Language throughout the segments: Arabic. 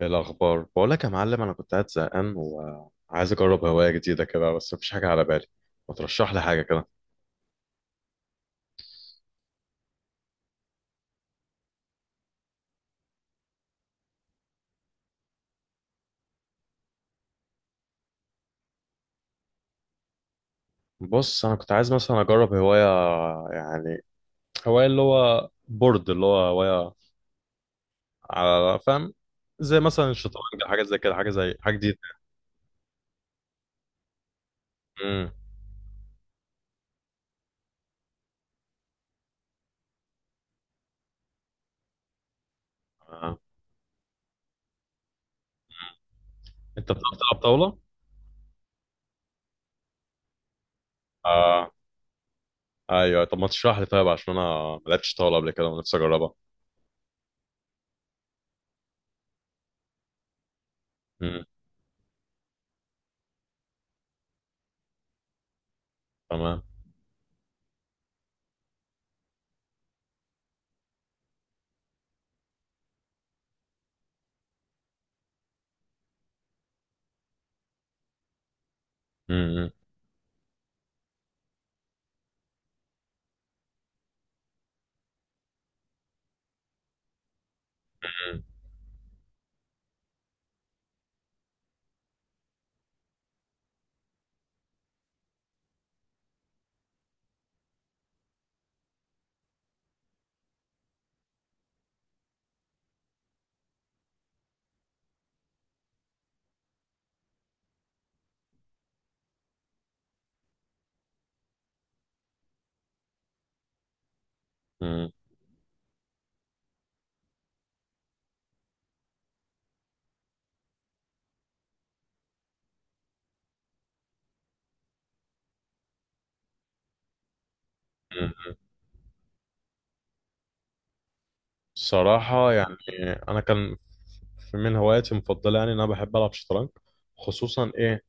إيه الأخبار؟ بقول لك يا معلم، أنا كنت قاعد زهقان وعايز أجرب هواية جديدة كده، بس مفيش حاجة على بالي. ما ترشح لي حاجة كده. بص، أنا كنت عايز مثلا أجرب هواية يعني هواية، اللي هو بورد، اللي هو هواية على فاهم، زي مثلا الشطرنج، حاجات زي كده، حاجة زي حاجة جديدة. امم آه. أنت بتعرف تلعب طاولة؟ آه. أيوه، طب ما تشرح لي طيب، عشان أنا ما لعبتش طاولة قبل كده ونفسي أجربها. امم، تمام. امم، صراحة يعني أنا كان من هواياتي المفضلة يعني إن أنا بحب ألعب شطرنج، خصوصا إيه.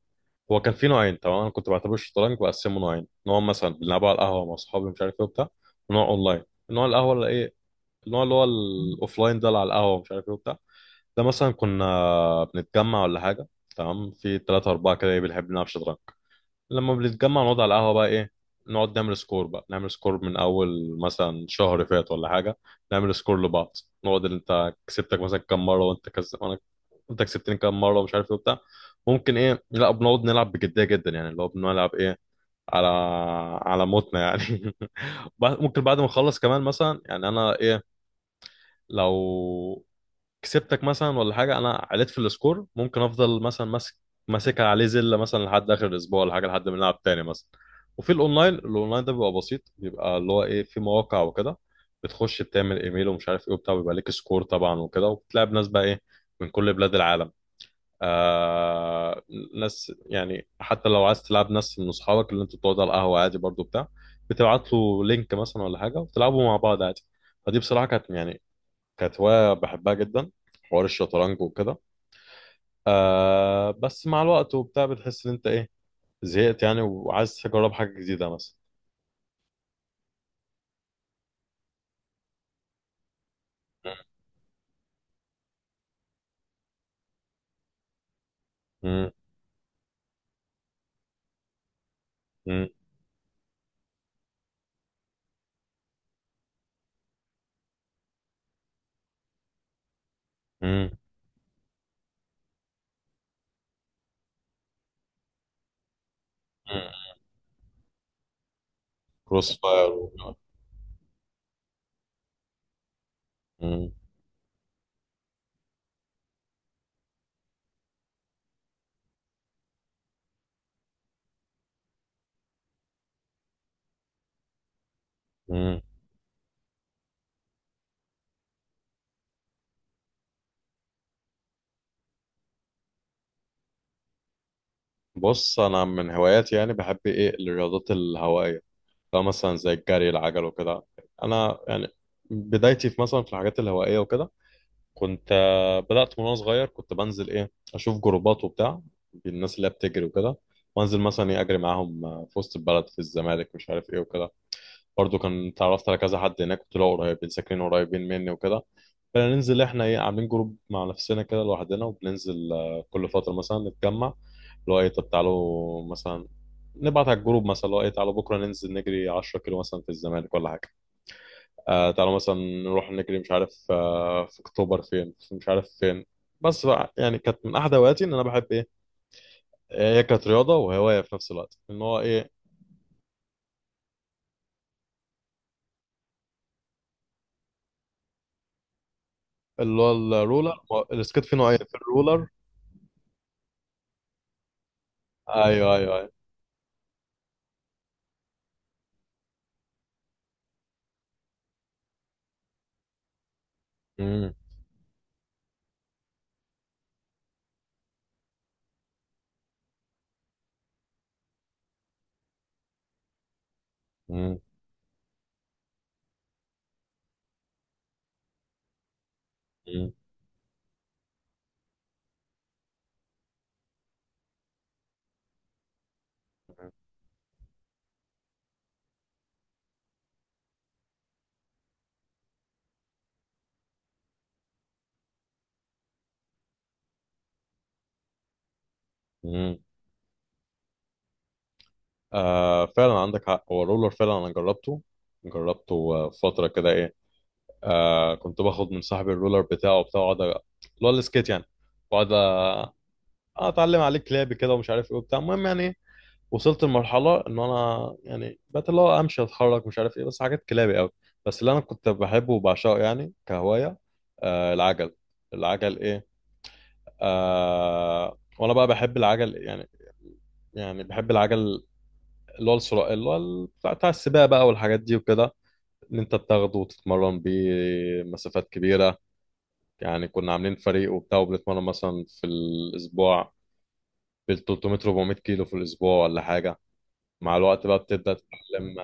هو كان في نوعين، تمام؟ أنا كنت بعتبر الشطرنج بقسمه نوعين: نوع مثلا بنلعبه على القهوة مع أصحابي مش عارف إيه وبتاع، ونوع أونلاين. النوع القهوة اللي إيه، النوع اللي هو الأوفلاين ده، اللي على القهوة مش عارف إيه وبتاع، ده مثلا كنا بنتجمع ولا حاجة، تمام؟ في تلاتة أربعة كده إيه بنحب نلعب شطرنج. لما بنتجمع نقعد على القهوة بقى ايه، نقعد نعمل سكور، بقى نعمل سكور من اول مثلا شهر فات ولا حاجة، نعمل سكور لبعض. نقعد اللي انت كسبتك مثلا كام مرة وانت وانا انت كسبتني كام مرة ومش عارف ايه وبتاع. ممكن ايه، لا بنقعد نلعب بجدية جدا يعني، اللي هو بنلعب ايه، على على موتنا يعني. ممكن بعد ما نخلص كمان مثلا، يعني انا ايه، لو كسبتك مثلا ولا حاجه، انا عليت في السكور، ممكن افضل مثلا ماسك، ماسكها عليه زله مثلا لحد اخر الاسبوع ولا حاجه، لحد ما نلعب تاني مثلا. وفي الاونلاين، الاونلاين ده بيبقى بسيط، بيبقى اللي هو ايه، في مواقع وكده، بتخش بتعمل ايميل ومش عارف ايه وبتاع، بيبقى ليك سكور طبعا وكده، وبتلعب ناس بقى ايه من كل بلاد العالم. آه، ناس يعني حتى لو عايز تلعب ناس من اصحابك اللي انتوا بتقعدوا على القهوه عادي برضو بتاع، بتبعت له لينك مثلا ولا حاجه وتلعبوا مع بعض عادي. فدي بصراحه كانت يعني كانت هواية بحبها جدا، حوار الشطرنج وكده. آه، بس مع الوقت وبتاع بتحس ان انت ايه، زهقت يعني وعايز تجرب حاجة جديدة مثلا. مم. مم. مم. مم. كروس فاير مم. مم. بص، انا من هواياتي يعني بحب ايه الرياضات الهوائية، لو مثلا زي الجري، العجل وكده. انا يعني بدايتي في مثلا في الحاجات الهوائية وكده، كنت آه، بدأت من وأنا صغير، كنت بنزل إيه أشوف جروبات وبتاع الناس اللي هي بتجري وكده، وأنزل مثلا إيه أجري معاهم آه، في وسط البلد، في الزمالك، مش عارف إيه وكده. برضو كان اتعرفت على كذا حد هناك، كنت لقوا قريبين ساكنين قريبين مني وكده، فننزل إحنا إيه عاملين جروب مع نفسنا كده لوحدنا، وبننزل آه، كل فترة مثلا نتجمع، اللي هو إيه طب تعالوا مثلا، نبعت على الجروب مثلا اللي هو إيه، تعالوا بكرة ننزل نجري 10 كيلو مثلا في الزمالك ولا حاجة. آه، تعالوا مثلا نروح نجري مش عارف آه في اكتوبر فين، في مش عارف فين. بس بقى يعني كانت من احد هواياتي ان انا بحب ايه، آه، هي كانت رياضه وهوايه في نفس الوقت، ان هو ايه، اللي هو الرولر. هو السكيت فيه نوعين في الرولر. ايوه ايوه ايوه. امم. امم. امم. أمم. آه، فعلا عندك حق، هو الرولر فعلا انا جربته. جربته آه، فتره كده ايه، آه كنت باخد من صاحبي الرولر بتاعه بتاعه، اللي هو السكيت يعني، واقعد آه، اتعلم عليه كلابي كده ومش عارف ايه وبتاع. المهم يعني وصلت لمرحلة إن أنا يعني بقيت اللي هو أمشي أتحرك مش عارف إيه، بس حاجات كلابي أوي. بس اللي أنا كنت بحبه وبعشقه يعني كهواية، آه العجل. العجل إيه، آه وأنا بقى بحب العجل يعني، يعني بحب العجل. اللي هو السرعة، اللي هو بتاع بتاع السباق بقى والحاجات دي وكده، إن أنت بتاخده وتتمرن بيه مسافات كبيرة. يعني كنا عاملين فريق وبتاع وبنتمرن مثلا في الأسبوع بال 300 400 كيلو في الأسبوع ولا حاجة. مع الوقت بقى بتبدأ تتعلم.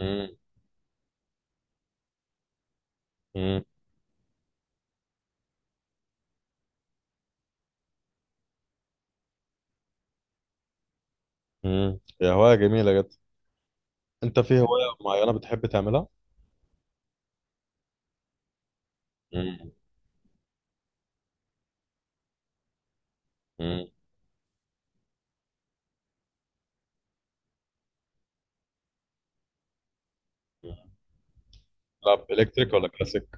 مم. مم. مم. هي هواية جميلة جدا. انت في هواية معينة بتحب تعملها؟ مم. مم. مم. تلعب الكتريك ولا كلاسيك؟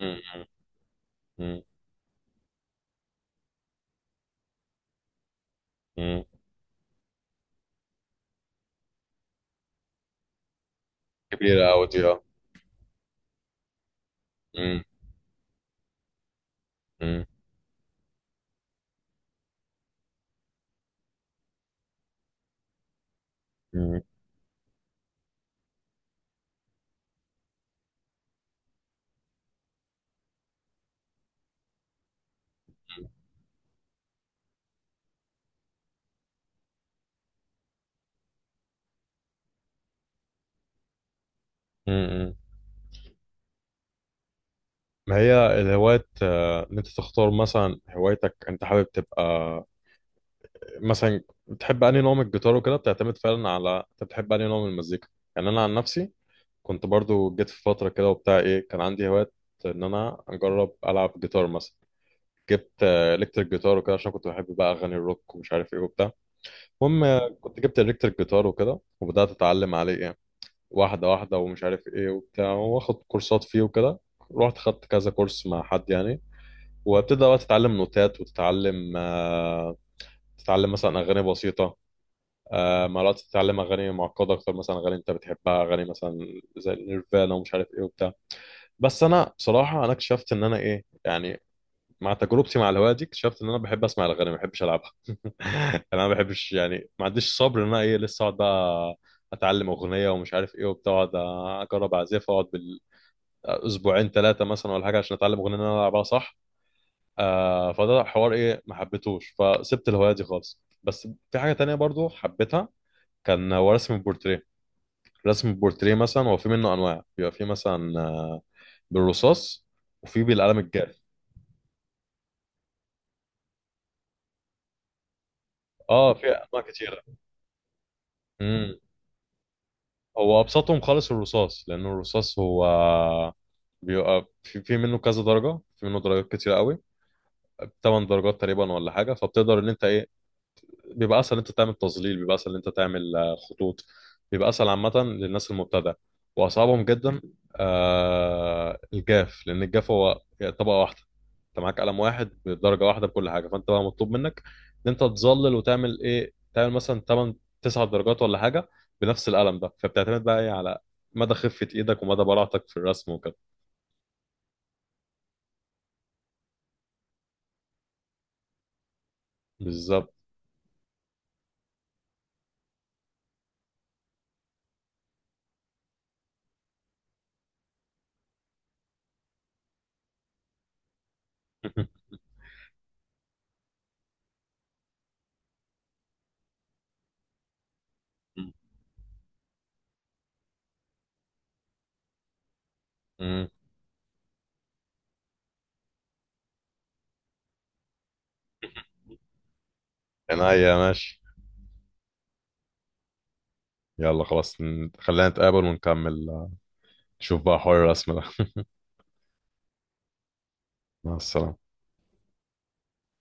مم. مم. مم. كبيرة أوي دي، اه. مم. مم. مم. مم. ما هي الهوايات آه، ان انت تختار مثلا هوايتك، انت حابب تبقى مثلا بتحب انهي نوع من الجيتار وكده، بتعتمد فعلا على انت بتحب انهي نوع من المزيكا. يعني انا عن نفسي كنت برضو جيت في فترة كده وبتاع ايه، كان عندي هوايات ان انا اجرب العب جيتار مثلا. جبت الكتريك جيتار وكده، عشان كنت بحب بقى اغاني الروك ومش عارف ايه وبتاع. المهم آه، كنت جبت الكتريك جيتار وكده، وبدات اتعلم عليه يعني واحده واحده ومش عارف ايه وبتاع، واخد كورسات فيه وكده. رحت خدت كذا كورس مع حد يعني، وابتدى بقى تتعلم نوتات وتتعلم آه، تتعلم مثلا اغاني بسيطه، آه، مرات تتعلم اغاني معقده اكتر، مثلا اغاني انت بتحبها، اغاني مثلا زي نيرفانا ومش عارف ايه وبتاع. بس انا بصراحه انا اكتشفت ان انا ايه يعني، مع تجربتي مع الهوايه دي، اكتشفت ان انا بحب اسمع الاغاني ما بحبش العبها. انا ما بحبش يعني ما عنديش صبر ان انا ايه لسه اقعد بقى اتعلم اغنيه ومش عارف ايه وبتاع، اقعد اجرب اعزف، اقعد بالاسبوعين ثلاثه مثلا ولا حاجه عشان اتعلم اغنيه ان انا العبها صح. آه فده حوار ايه ما حبيتهوش، فسبت الهوايه دي خالص. بس في حاجه تانية برضو حبيتها، كان هو رسم البورتريه. رسم البورتريه مثلا هو في منه انواع، بيبقى في مثلا آه، بالرصاص، وفي بالقلم الجاف. اه في انواع كتيره. هو ابسطهم خالص الرصاص، لان الرصاص هو بيبقى في منه كذا درجه، في منه درجات كتير قوي، 8 درجات تقريبا ولا حاجه. فبتقدر ان انت ايه، بيبقى اسهل انت تعمل تظليل، بيبقى اسهل انت تعمل آه، خطوط، بيبقى اسهل عامه للناس المبتدئه. واصعبهم جدا آه الجاف، لان الجاف هو طبقه واحده، انت معاك قلم واحد بدرجه واحده بكل حاجه، فانت بقى مطلوب منك ان انت تظلل وتعمل ايه، تعمل مثلا 8 9 درجات ولا حاجه بنفس القلم ده. فبتعتمد بقى ايه على مدى خفه ايدك ومدى براعتك في الرسم وكده. بالظبط. امم، عينيا، ماشي. يلا خلاص، خلينا نتقابل ونكمل آه، نشوف بقى حوار الرسم ده. مع السلامة.